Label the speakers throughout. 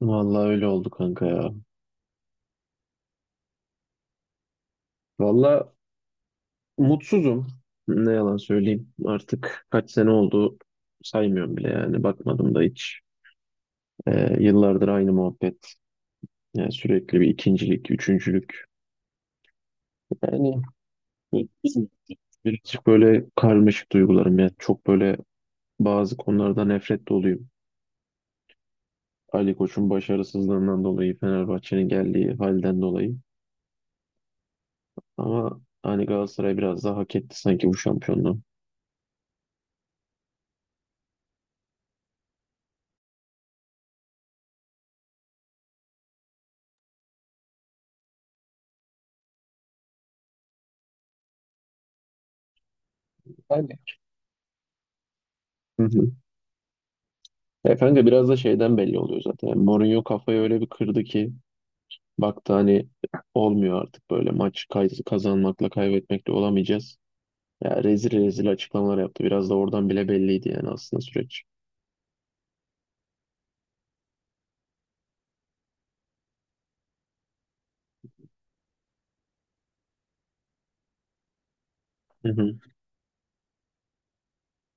Speaker 1: Vallahi öyle oldu kanka ya. Vallahi mutsuzum. Ne yalan söyleyeyim. Artık kaç sene oldu saymıyorum bile yani. Bakmadım da hiç. Yıllardır aynı muhabbet. Yani sürekli bir ikincilik, üçüncülük. Yani birazcık böyle karmaşık duygularım. Yani çok böyle bazı konularda nefret doluyum. Ali Koç'un başarısızlığından dolayı, Fenerbahçe'nin geldiği halden dolayı. Ama hani Galatasaray biraz daha hak etti sanki bu şampiyonluğu. Yani. Hı hı. Ya kanka biraz da şeyden belli oluyor zaten. Yani Mourinho kafayı öyle bir kırdı ki baktı hani olmuyor artık böyle kazanmakla kaybetmekle olamayacağız. Ya rezil rezil açıklamalar yaptı. Biraz da oradan bile belliydi yani aslında süreç. Hı hı.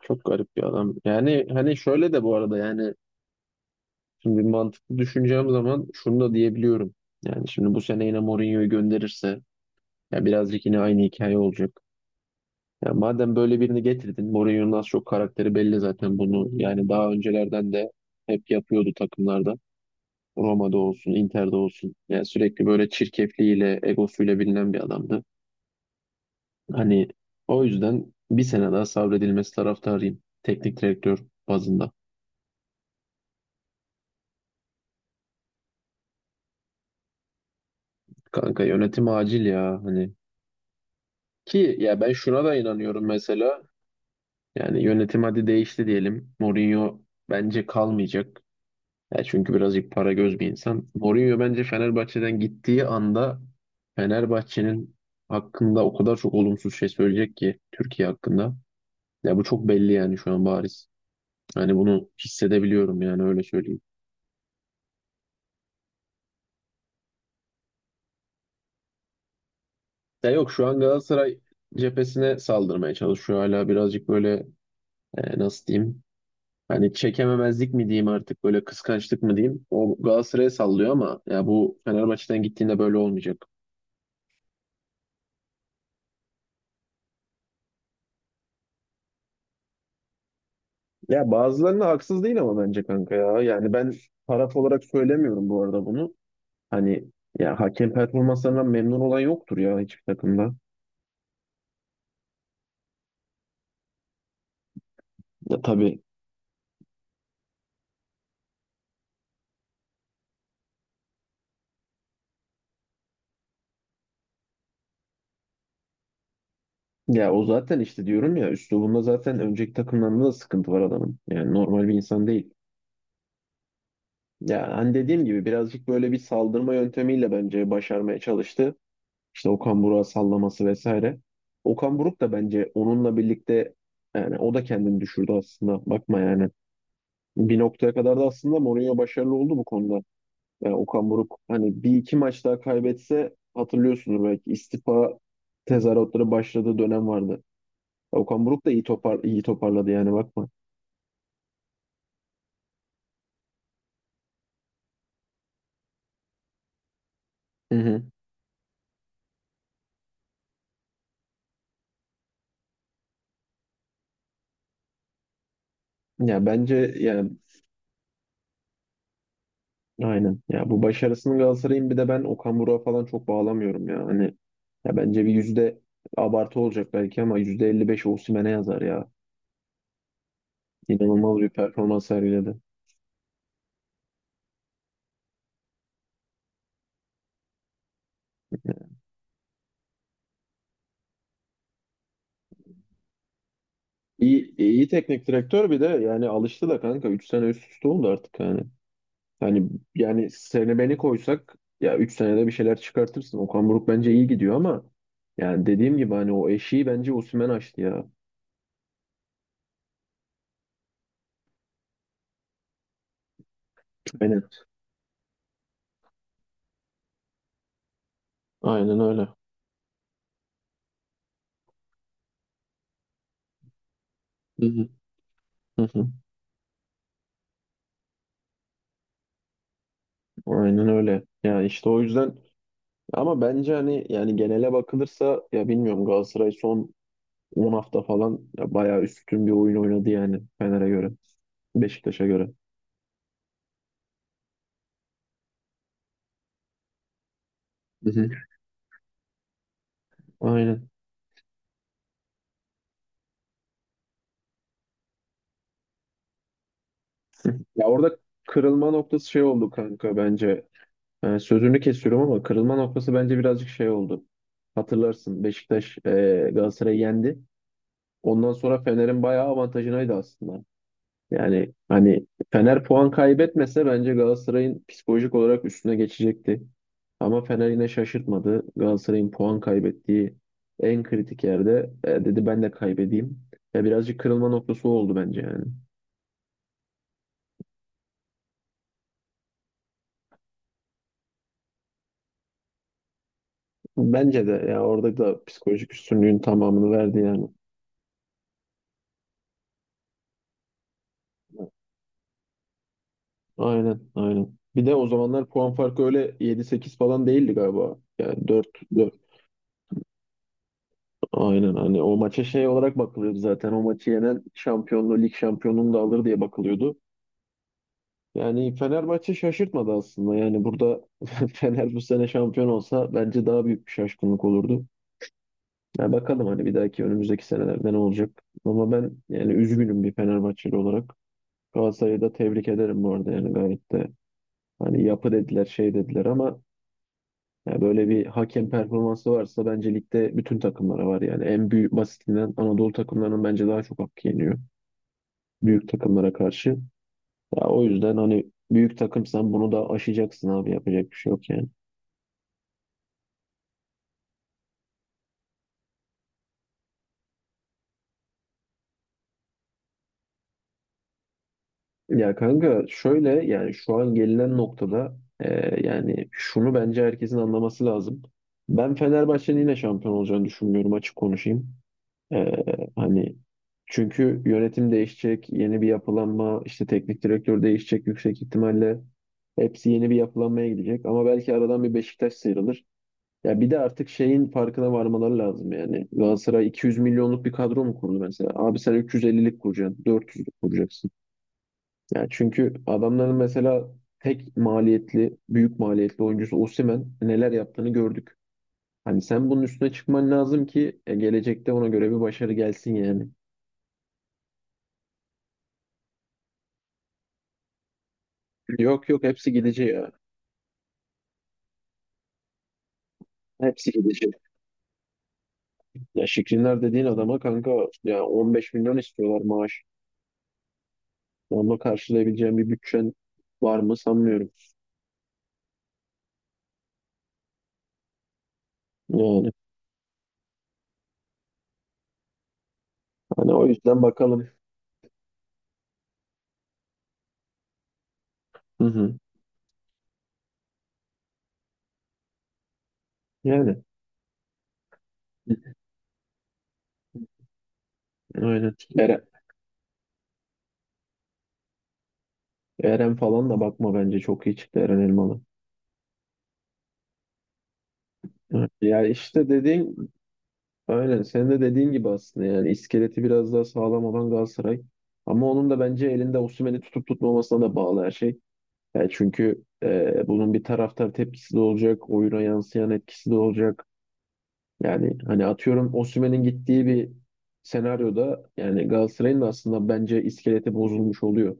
Speaker 1: Çok garip bir adam. Yani hani şöyle de bu arada yani şimdi mantıklı düşüneceğim zaman şunu da diyebiliyorum. Yani şimdi bu sene yine Mourinho'yu gönderirse ya birazcık yine aynı hikaye olacak. Ya madem böyle birini getirdin, Mourinho'nun az çok karakteri belli zaten bunu. Yani daha öncelerden de hep yapıyordu takımlarda. Roma'da olsun, Inter'de olsun. Yani sürekli böyle çirkefliğiyle, egosuyla bilinen bir adamdı. Hani o yüzden bir sene daha sabredilmesi taraftarıyım. Teknik direktör bazında. Kanka yönetim acil ya hani. Ki ya ben şuna da inanıyorum mesela. Yani yönetim hadi değişti diyelim. Mourinho bence kalmayacak. Ya çünkü birazcık para göz bir insan. Mourinho bence Fenerbahçe'den gittiği anda Fenerbahçe'nin hakkında o kadar çok olumsuz şey söyleyecek ki Türkiye hakkında. Ya bu çok belli yani şu an bariz. Hani bunu hissedebiliyorum yani öyle söyleyeyim. Ya yok şu an Galatasaray cephesine saldırmaya çalışıyor hala birazcık böyle nasıl diyeyim? Hani çekememezlik mi diyeyim artık böyle kıskançlık mı diyeyim? O Galatasaray'a sallıyor ama ya bu Fenerbahçe'den gittiğinde böyle olmayacak. Ya bazılarına haksız değil ama bence kanka ya. Yani ben taraf olarak söylemiyorum bu arada bunu. Hani ya hakem performanslarından memnun olan yoktur ya hiçbir takımda. Ya tabii ya o zaten işte diyorum ya üslubunda zaten önceki takımlarında da sıkıntı var adamın. Yani normal bir insan değil. Ya hani dediğim gibi birazcık böyle bir saldırma yöntemiyle bence başarmaya çalıştı. İşte Okan Buruk'a sallaması vesaire. Okan Buruk da bence onunla birlikte yani o da kendini düşürdü aslında. Bakma yani. Bir noktaya kadar da aslında Mourinho başarılı oldu bu konuda. Yani Okan Buruk hani bir iki maç daha kaybetse hatırlıyorsunuz belki istifa tezahüratları başladığı dönem vardı. Okan Buruk da iyi toparladı yani bakma. Hı hı. Ya bence yani aynen. Ya bu başarısını Galatasaray'ın bir de ben Okan Buruk'a falan çok bağlamıyorum ya. Hani ya bence bir yüzde abartı olacak belki ama %55 Osimhen'e yazar ya. İnanılmaz bir performans sergiledi. İyi teknik direktör bir de yani alıştı da kanka. 3 sene üst üste oldu artık yani. Hani yani seni beni koysak ya 3 senede bir şeyler çıkartırsın. Okan Buruk bence iyi gidiyor ama yani dediğim gibi hani o eşiği bence Osimhen açtı ya. Aynen. Aynen öyle. Hı hı, hı hı. Aynen öyle. Yani işte o yüzden ama bence hani yani genele bakılırsa ya bilmiyorum Galatasaray son 10 hafta falan ya bayağı üstün bir oyun oynadı yani Fener'e göre, Beşiktaş'a göre. Hı hı. Aynen. Ya orada kırılma noktası şey oldu kanka bence. Yani sözünü kesiyorum ama kırılma noktası bence birazcık şey oldu. Hatırlarsın Beşiktaş Galatasaray'ı yendi. Ondan sonra Fener'in bayağı avantajınaydı aslında. Yani hani Fener puan kaybetmese bence Galatasaray'ın psikolojik olarak üstüne geçecekti. Ama Fener yine şaşırtmadı. Galatasaray'ın puan kaybettiği en kritik yerde dedi ben de kaybedeyim. Ya birazcık kırılma noktası o oldu bence yani. Bence de ya orada da psikolojik üstünlüğün tamamını verdi yani. Aynen aynen. Bir de o zamanlar puan farkı öyle yedi sekiz falan değildi galiba. Yani dört, aynen hani o maça şey olarak bakılıyordu zaten. O maçı yenen şampiyonluğu, lig şampiyonluğunu da alır diye bakılıyordu. Yani Fenerbahçe şaşırtmadı aslında. Yani burada Fener bu sene şampiyon olsa bence daha büyük bir şaşkınlık olurdu. Ya bakalım hani bir dahaki önümüzdeki senelerde ne olacak. Ama ben yani üzgünüm bir Fenerbahçeli olarak. Galatasaray'ı da tebrik ederim bu arada yani gayet de hani yapı dediler şey dediler ama ya böyle bir hakem performansı varsa bence ligde bütün takımlara var yani en büyük basitinden Anadolu takımlarının bence daha çok hakkı yeniyor büyük takımlara karşı. Ya o yüzden hani büyük takımsan bunu da aşacaksın abi yapacak bir şey yok yani. Ya kanka şöyle yani şu an gelinen noktada yani şunu bence herkesin anlaması lazım. Ben Fenerbahçe'nin yine şampiyon olacağını düşünmüyorum açık konuşayım. Ee, Hani çünkü yönetim değişecek, yeni bir yapılanma, işte teknik direktör değişecek yüksek ihtimalle. Hepsi yeni bir yapılanmaya gidecek ama belki aradan bir Beşiktaş sıyrılır. Ya bir de artık şeyin farkına varmaları lazım yani. Galatasaray 200 milyonluk bir kadro mu kurdu mesela? Abi sen 350'lik kuracaksın, 400'lük kuracaksın. Yani çünkü adamların mesela tek maliyetli, büyük maliyetli oyuncusu Osimhen neler yaptığını gördük. Hani sen bunun üstüne çıkman lazım ki gelecekte ona göre bir başarı gelsin yani. Yok yok hepsi gidici ya. Hepsi gidici. Ya Şikrinler dediğin adama kanka ya 15 milyon istiyorlar maaş. Onunla karşılayabileceğim bir bütçen var mı sanmıyorum. Yani hani o yüzden bakalım. Hı hı. Yani aynen. Eren falan da bakma bence çok iyi çıktı Eren Elmalı. Evet. Ya işte dediğin aynen senin de dediğin gibi aslında yani iskeleti biraz daha sağlam olan Galatasaray. Ama onun da bence elinde Osimhen'i tutup tutmamasına da bağlı her şey. Yani çünkü bunun bir taraftar tepkisi de olacak, oyuna yansıyan etkisi de olacak. Yani hani atıyorum Osimhen'in gittiği bir senaryoda yani Galatasaray'ın da aslında bence iskeleti bozulmuş oluyor.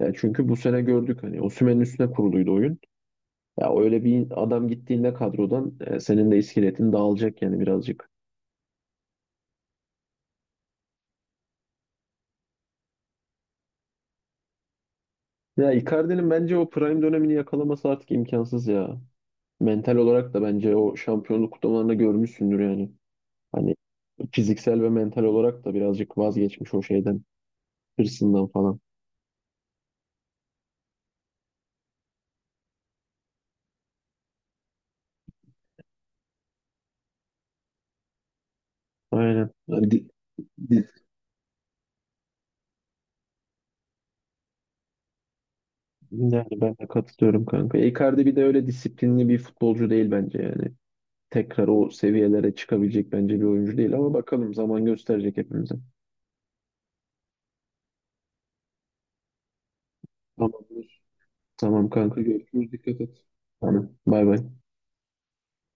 Speaker 1: Yani çünkü bu sene gördük hani Osimhen'in üstüne kuruluydu oyun. Ya öyle bir adam gittiğinde kadrodan senin de iskeletin dağılacak yani birazcık. Ya Icardi'nin bence o prime dönemini yakalaması artık imkansız ya. Mental olarak da bence o şampiyonluk kutlamalarında görmüşsündür yani. Hani fiziksel ve mental olarak da birazcık vazgeçmiş o şeyden, hırsından falan. Aynen. Yani, di- yani ben de katılıyorum kanka. Icardi bir de öyle disiplinli bir futbolcu değil bence yani. Tekrar o seviyelere çıkabilecek bence bir oyuncu değil ama bakalım zaman gösterecek hepimize. Tamamdır. Tamam kanka görüşürüz. Dikkat et. Tamam. Bay bay.